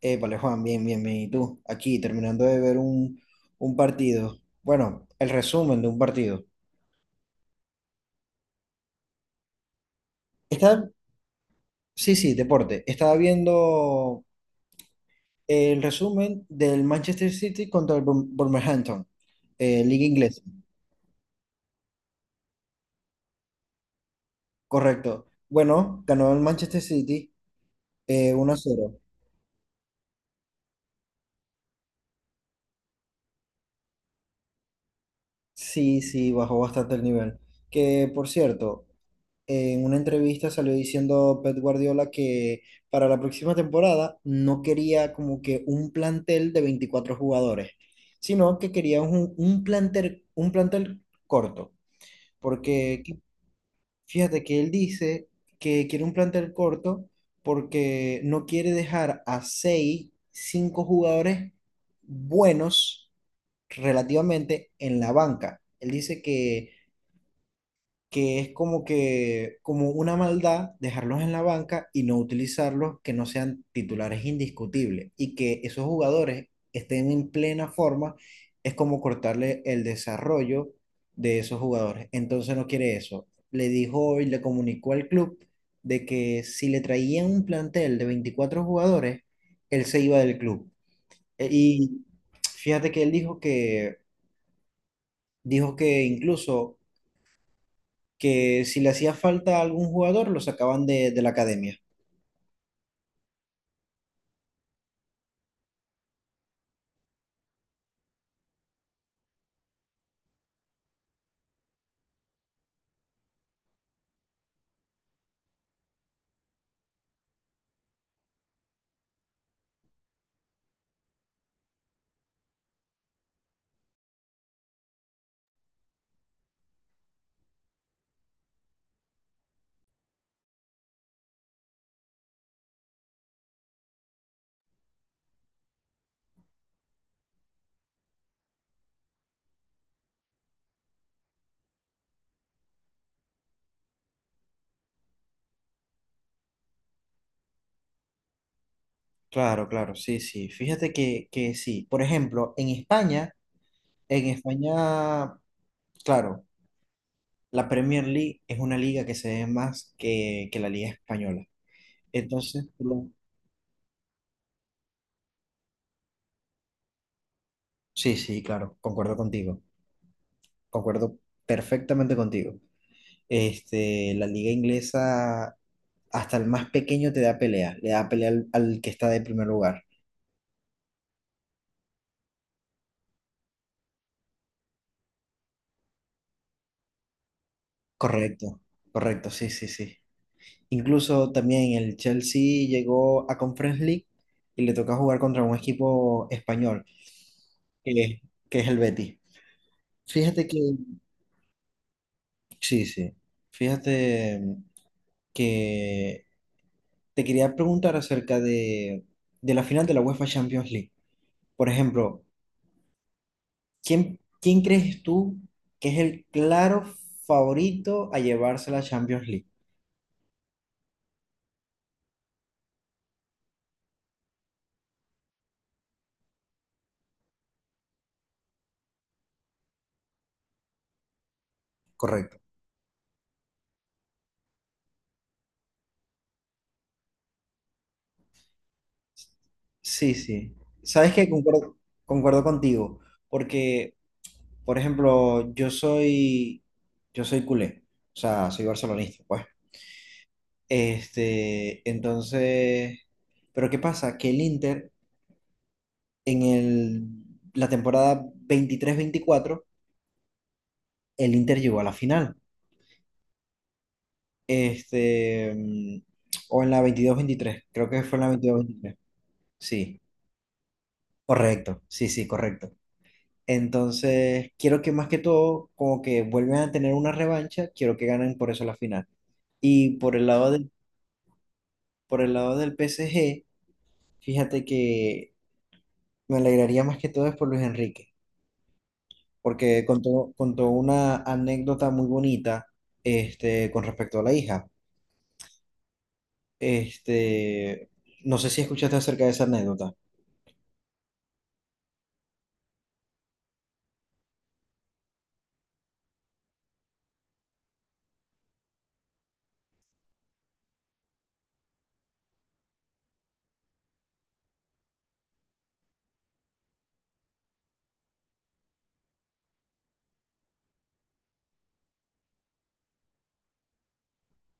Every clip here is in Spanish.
Vale, Juan, bien, bien, bien. ¿Y tú? Aquí, terminando de ver un partido. Bueno, el resumen de un partido. Está, sí, sí, deporte. Estaba viendo el resumen del Manchester City contra el Wolverhampton, Liga Inglesa. Correcto. Bueno, ganó el Manchester City uno a cero. Sí, sí, bajó bastante el nivel. Que, por cierto, en una entrevista salió diciendo Pep Guardiola que para la próxima temporada no quería como que un plantel de 24 jugadores, sino que quería un plantel, un plantel corto, porque que- fíjate que él dice que quiere un plantel corto porque no quiere dejar a 6-5 jugadores buenos relativamente en la banca. Él dice que es como que, como una maldad dejarlos en la banca y no utilizarlos, que no sean titulares indiscutibles y que esos jugadores estén en plena forma, es como cortarle el desarrollo de esos jugadores. Entonces no quiere eso. Le dijo y le comunicó al club de que si le traían un plantel de 24 jugadores, él se iba del club. Y fíjate que él dijo que incluso que si le hacía falta a algún jugador, lo sacaban de la academia. Claro, claro, sí, sí. Fíjate que sí. Por ejemplo, en España, claro, la Premier League es una liga que se ve más que la liga española. Entonces, lo- sí, sí, claro, concuerdo contigo. Concuerdo perfectamente contigo. Este, la liga inglesa, hasta el más pequeño te da pelea, le da pelea al, al que está de primer lugar. Correcto, correcto, sí, sí, sí. Incluso también el Chelsea llegó a Conference League y le toca jugar contra un equipo español, que es, que es el Betis. Fíjate que, sí, sí, fíjate mm, que te quería preguntar acerca de la final de la UEFA Champions League. Por ejemplo, ¿quién crees tú que es el claro favorito a llevarse la Champions League? Correcto. Sí, sí. Sabes que concuerdo, concuerdo contigo, porque por ejemplo, yo soy culé, o sea, soy barcelonista, pues. Este, entonces, pero ¿qué pasa? Que el Inter, en el, la temporada 23-24 el Inter llegó a la final. Este, mm, o en la 22-23, creo que fue en la 22-23. Sí, correcto, sí, sí, correcto. Entonces, quiero que, más que todo, como que vuelvan a tener una revancha, quiero que ganen por eso la final. Y por el lado de Por el lado del PSG, fíjate que me alegraría más que todo es por Luis Enrique, porque contó una anécdota muy bonita, este, con respecto a la hija. Este, no sé si escuchaste acerca de esa anécdota.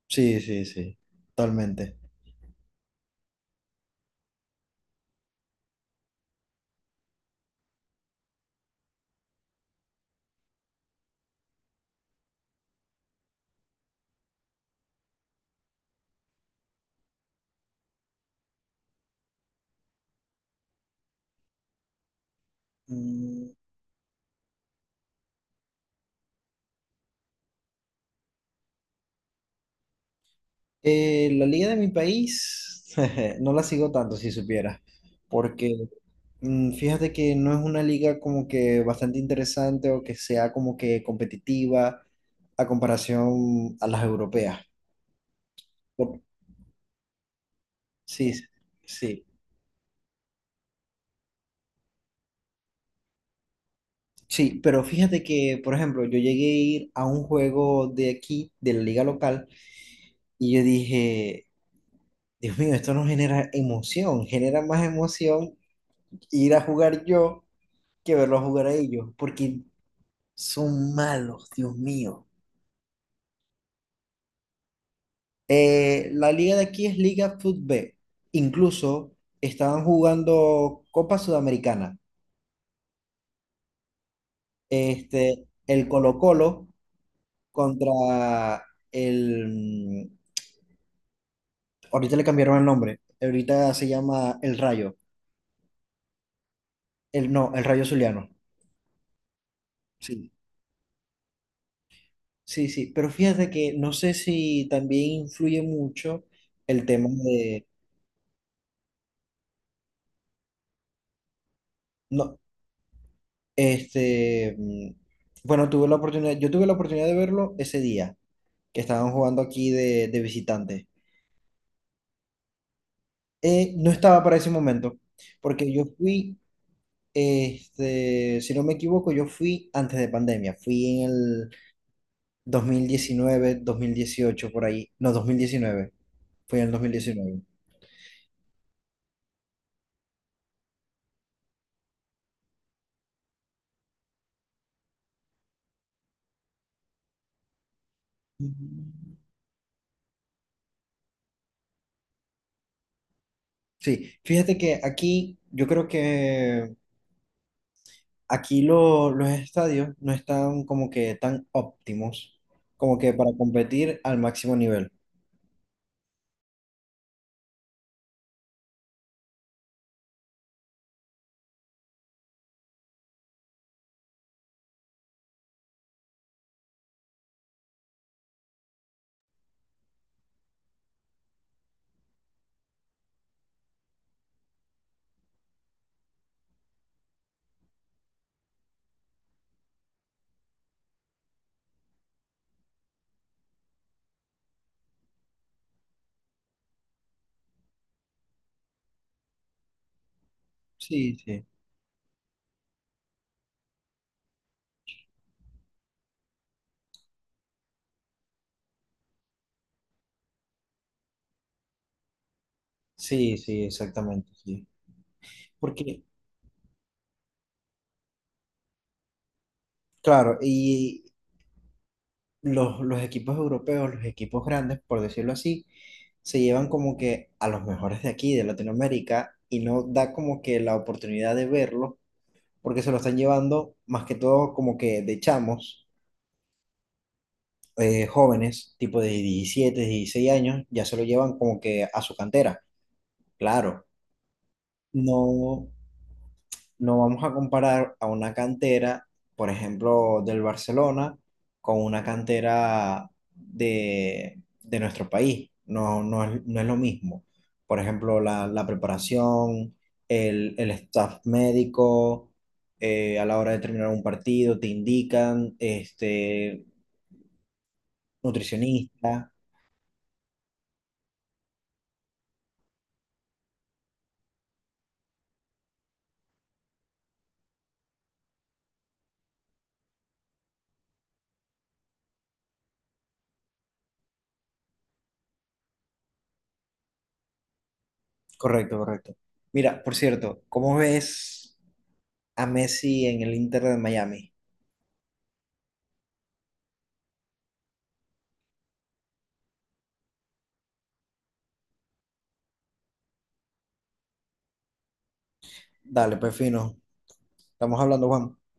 Sí, sí, sí, totalmente. Mm, la liga de mi país no la sigo tanto, si supieras, porque fíjate que no es una liga como que bastante interesante o que sea como que competitiva a comparación a las europeas. Por- Sí, sí, sí, sí, pero fíjate que, por ejemplo, yo llegué a ir a un juego de aquí, de la liga local, y yo dije, Dios mío, esto no genera emoción, genera más emoción ir a jugar yo que verlos jugar a ellos, porque son malos, Dios mío. La liga de aquí es Liga Fut B. Incluso estaban jugando Copa Sudamericana. Este, el Colo-Colo contra el... Ahorita le cambiaron el nombre. Ahorita se llama El Rayo. El, no, El Rayo Zuliano. Sí, sí, sí. Pero fíjate que no sé si también influye mucho el tema de... No, este... mm, bueno, tuve la oportunidad, yo tuve la oportunidad de verlo ese día que estaban jugando aquí de visitante. No estaba para ese momento, porque yo fui, este, si no me equivoco, yo fui antes de pandemia, fui en el dos mil diecinueve, 2018, por ahí, no, 2019, fui en el 2019. Sí, fíjate que aquí, yo creo que los estadios no están como que tan óptimos, como que para competir al máximo nivel. Sí, sí, sí, sí, exactamente, sí. Porque Claro, y los equipos europeos, los equipos grandes, por decirlo así, se llevan como que a los mejores de aquí, de Latinoamérica, y no da como que la oportunidad de verlo, porque se lo están llevando más que todo como que de chamos, jóvenes, tipo de 17-16 años, ya se lo llevan como que a su cantera. Claro, no, no vamos a comparar a una cantera, por ejemplo, del Barcelona, con una cantera de nuestro país. No, no es, no es lo mismo. Por ejemplo, la preparación, el staff médico, a la hora de terminar un partido, te indican, este, nutricionista. Correcto, correcto. Mira, por cierto, ¿cómo ves a Messi en el Inter de Miami? Dale, pues fino. Estamos hablando, Juan.